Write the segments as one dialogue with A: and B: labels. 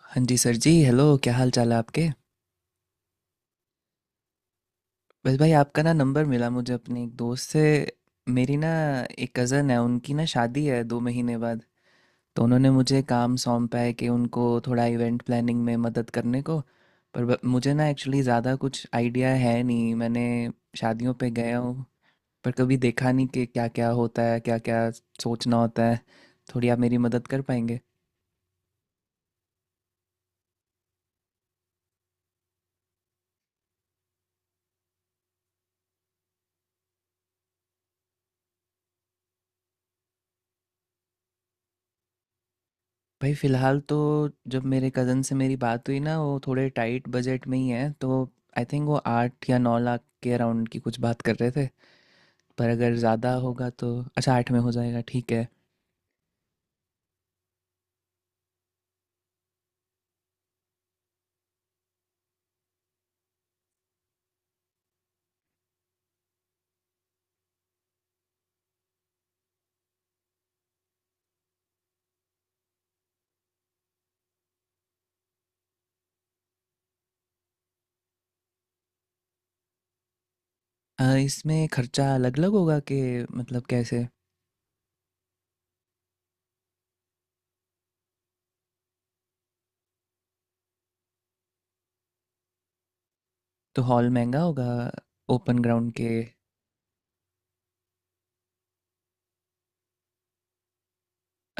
A: हाँ जी सर जी, हेलो। क्या हाल चाल है आपके। बस भाई, आपका ना नंबर मिला मुझे अपने एक दोस्त से। मेरी ना एक कज़न है, उनकी ना शादी है 2 महीने बाद। तो उन्होंने मुझे काम सौंपा है कि उनको थोड़ा इवेंट प्लानिंग में मदद करने को। पर मुझे ना एक्चुअली ज़्यादा कुछ आइडिया है नहीं। मैंने शादियों पे गया हूँ, पर कभी देखा नहीं कि क्या क्या होता है, क्या क्या सोचना होता है। थोड़ी आप मेरी मदद कर पाएंगे। भाई फ़िलहाल तो, जब मेरे कज़न से मेरी बात हुई ना, वो थोड़े टाइट बजट में ही है तो आई थिंक वो 8 या 9 लाख के अराउंड की कुछ बात कर रहे थे। पर अगर ज़्यादा होगा तो। अच्छा आठ में हो जाएगा, ठीक है। इसमें खर्चा अलग अलग होगा कि मतलब, कैसे। तो हॉल महंगा होगा ओपन ग्राउंड के।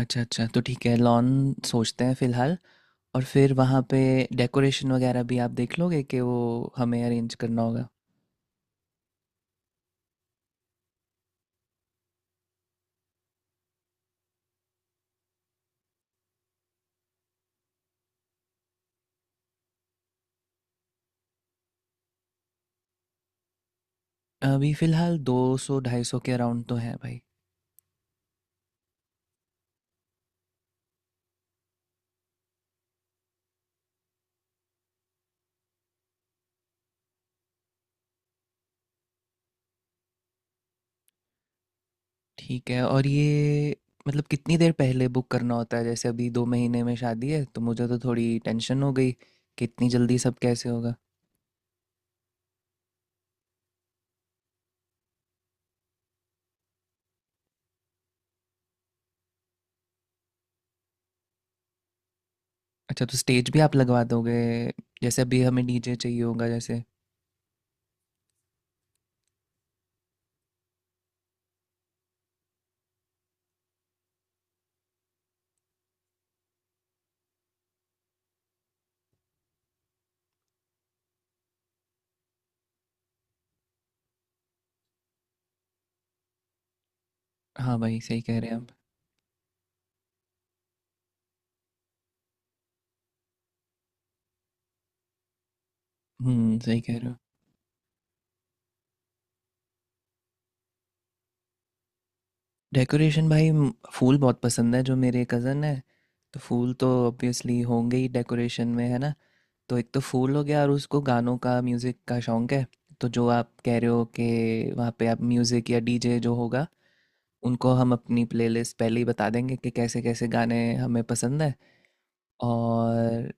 A: अच्छा अच्छा, तो ठीक है, लॉन सोचते हैं फ़िलहाल। और फिर वहाँ पे डेकोरेशन वगैरह भी आप देख लोगे कि वो हमें अरेंज करना होगा। अभी फ़िलहाल 200 250 के अराउंड तो है भाई। ठीक है, और ये मतलब कितनी देर पहले बुक करना होता है? जैसे अभी 2 महीने में शादी है तो मुझे तो थोड़ी टेंशन हो गई कि इतनी जल्दी सब कैसे होगा। अच्छा तो स्टेज भी आप लगवा दोगे? जैसे अभी हमें डीजे चाहिए होगा जैसे। हाँ भाई, सही कह रहे हैं आप। हम्म, सही कह रहे हो। डेकोरेशन भाई, फूल बहुत पसंद है जो मेरे कज़न है। तो फूल तो ऑब्वियसली होंगे ही डेकोरेशन में, है ना। तो एक तो फूल हो गया, और उसको गानों का, म्यूज़िक का शौक है। तो जो आप कह रहे हो कि वहाँ पे आप म्यूज़िक या डीजे जो होगा, उनको हम अपनी प्लेलिस्ट पहले ही बता देंगे कि कैसे-कैसे गाने हमें पसंद हैं। और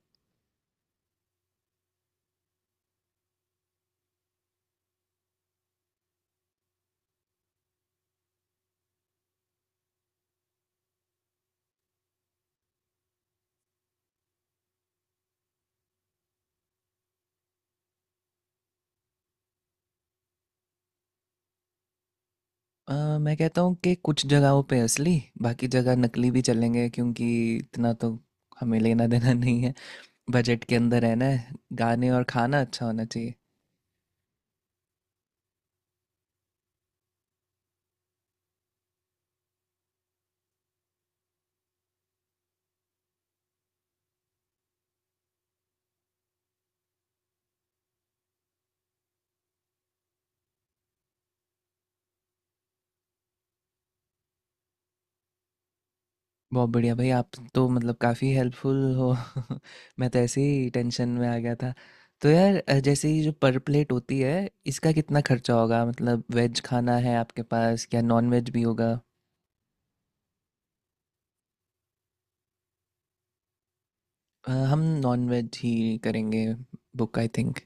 A: मैं कहता हूँ कि कुछ जगहों पे असली, बाकी जगह नकली भी चलेंगे, क्योंकि इतना तो हमें लेना-देना नहीं है। बजट के अंदर रहना है, गाने और खाना अच्छा होना चाहिए। बहुत बढ़िया भाई, आप तो मतलब काफ़ी हेल्पफुल हो। मैं तो ऐसे ही टेंशन में आ गया था। तो यार, जैसे ये जो पर प्लेट होती है, इसका कितना खर्चा होगा? मतलब वेज खाना है आपके पास या नॉन वेज भी होगा? हम नॉन-वेज ही करेंगे बुक आई थिंक।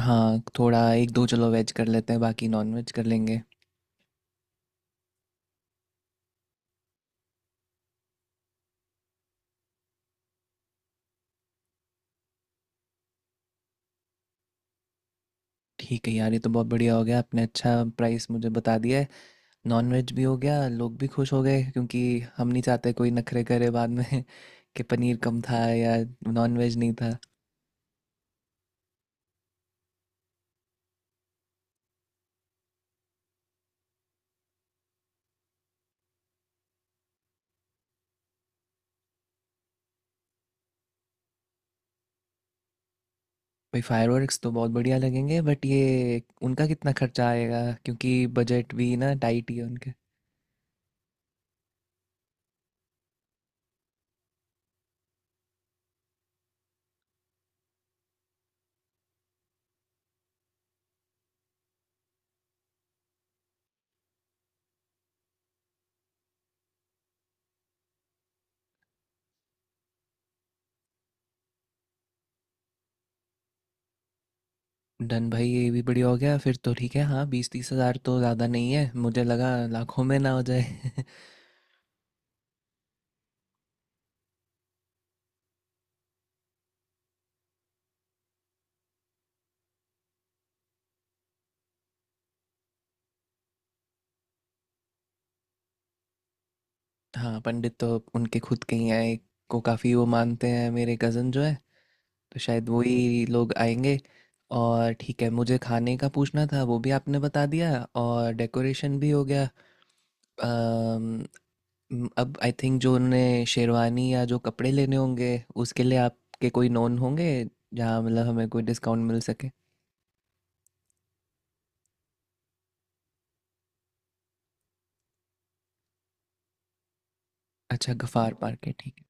A: हाँ, थोड़ा 1-2 चलो वेज कर लेते हैं, बाकी नॉन-वेज कर लेंगे। ठीक है यार, ये तो बहुत बढ़िया हो गया, आपने अच्छा प्राइस मुझे बता दिया है। नॉन-वेज भी हो गया, लोग भी खुश हो गए क्योंकि हम नहीं चाहते कोई नखरे करे बाद में कि पनीर कम था या नॉन-वेज नहीं था। भाई फायरवर्क्स तो बहुत बढ़िया लगेंगे, बट ये उनका कितना खर्चा आएगा? क्योंकि बजट भी ना टाइट ही है उनके। डन भाई, ये भी बढ़िया हो गया। फिर तो ठीक है, हाँ 20 30 हज़ार तो ज़्यादा नहीं है, मुझे लगा लाखों में ना हो जाए हाँ पंडित तो उनके खुद के ही हैं, एक को काफ़ी वो मानते हैं मेरे कज़न जो है, तो शायद वही लोग आएंगे। और ठीक है, मुझे खाने का पूछना था, वो भी आपने बता दिया, और डेकोरेशन भी हो गया। अम, अब आई थिंक जो उन्हें शेरवानी या जो कपड़े लेने होंगे, उसके लिए आपके कोई नोन होंगे, जहाँ मतलब हमें कोई डिस्काउंट मिल सके। अच्छा, गफ़ार पार्क है, ठीक।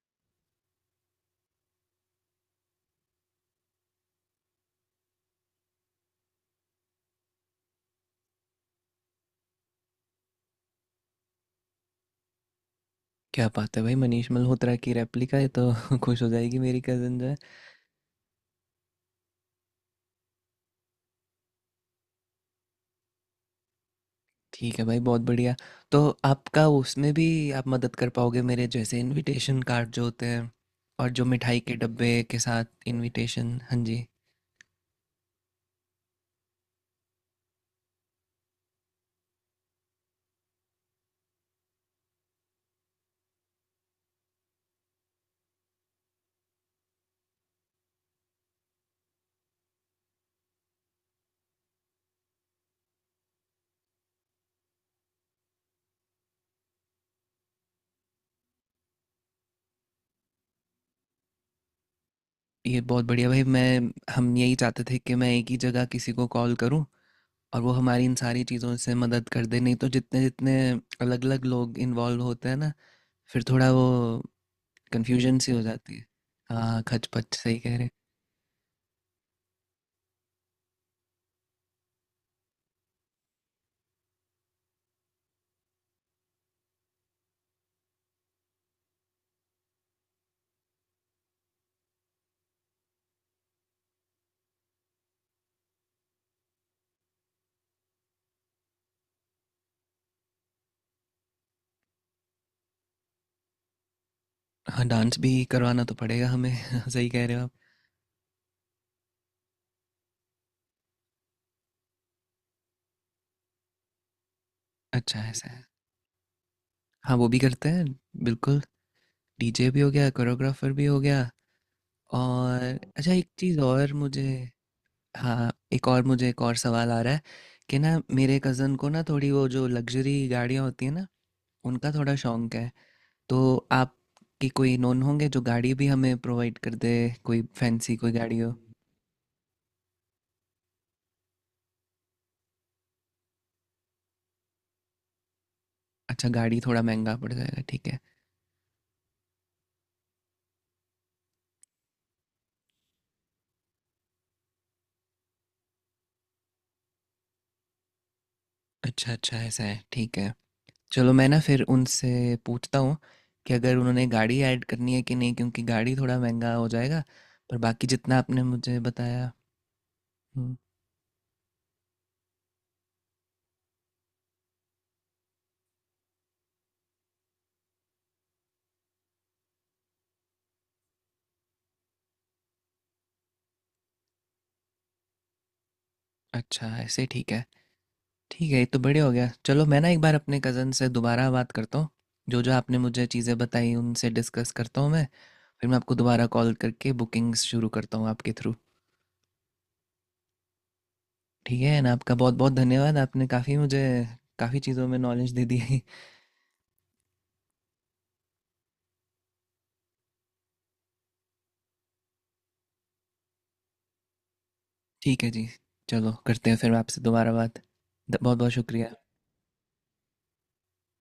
A: क्या बात है भाई, मनीष मल्होत्रा की रेप्लिका है तो खुश हो जाएगी मेरी कज़न जो है। ठीक है भाई, बहुत बढ़िया। तो आपका उसमें भी आप मदद कर पाओगे मेरे? जैसे इनविटेशन कार्ड जो होते हैं, और जो मिठाई के डब्बे के साथ इनविटेशन, हाँ जी। ये बहुत बढ़िया भाई, मैं हम यही चाहते थे कि मैं एक ही जगह किसी को कॉल करूं, और वो हमारी इन सारी चीज़ों से मदद कर दे। नहीं तो जितने जितने अलग-अलग लोग इन्वॉल्व होते हैं ना, फिर थोड़ा वो कन्फ्यूजन सी हो जाती है। हाँ खचपच, सही कह रहे हैं। हाँ, डांस भी करवाना तो पड़ेगा हमें सही कह रहे हो आप। अच्छा ऐसा है। हाँ वो भी करते हैं, बिल्कुल। डीजे भी हो गया, कोरियोग्राफर भी हो गया, और अच्छा एक चीज़ और मुझे, हाँ एक और मुझे, एक और सवाल आ रहा है कि ना मेरे कज़न को ना, थोड़ी वो जो लग्जरी गाड़ियाँ होती हैं ना, उनका थोड़ा शौक है। तो आपकी कोई नोन होंगे जो गाड़ी भी हमें प्रोवाइड कर दे, कोई फैंसी कोई गाड़ी हो। अच्छा गाड़ी थोड़ा महंगा पड़ जाएगा, ठीक है। अच्छा अच्छा, ऐसा है, ठीक है। चलो मैं ना फिर उनसे पूछता हूँ कि अगर उन्होंने गाड़ी ऐड करनी है कि नहीं, क्योंकि गाड़ी थोड़ा महंगा हो जाएगा। पर बाकी जितना आपने मुझे बताया। हम्म। अच्छा ऐसे, ठीक है। ठीक है, ये तो बढ़िया हो गया। चलो मैं ना एक बार अपने कज़न से दोबारा बात करता हूँ, जो जो आपने मुझे चीज़ें बताई उनसे डिस्कस करता हूँ मैं। फिर मैं आपको दोबारा कॉल करके बुकिंग्स शुरू करता हूँ आपके थ्रू। ठीक है ना। आपका बहुत बहुत धन्यवाद, आपने काफ़ी मुझे काफ़ी चीज़ों में नॉलेज दे दी है। ठीक है जी, चलो करते हैं फिर आपसे दोबारा बात। बहुत बहुत शुक्रिया।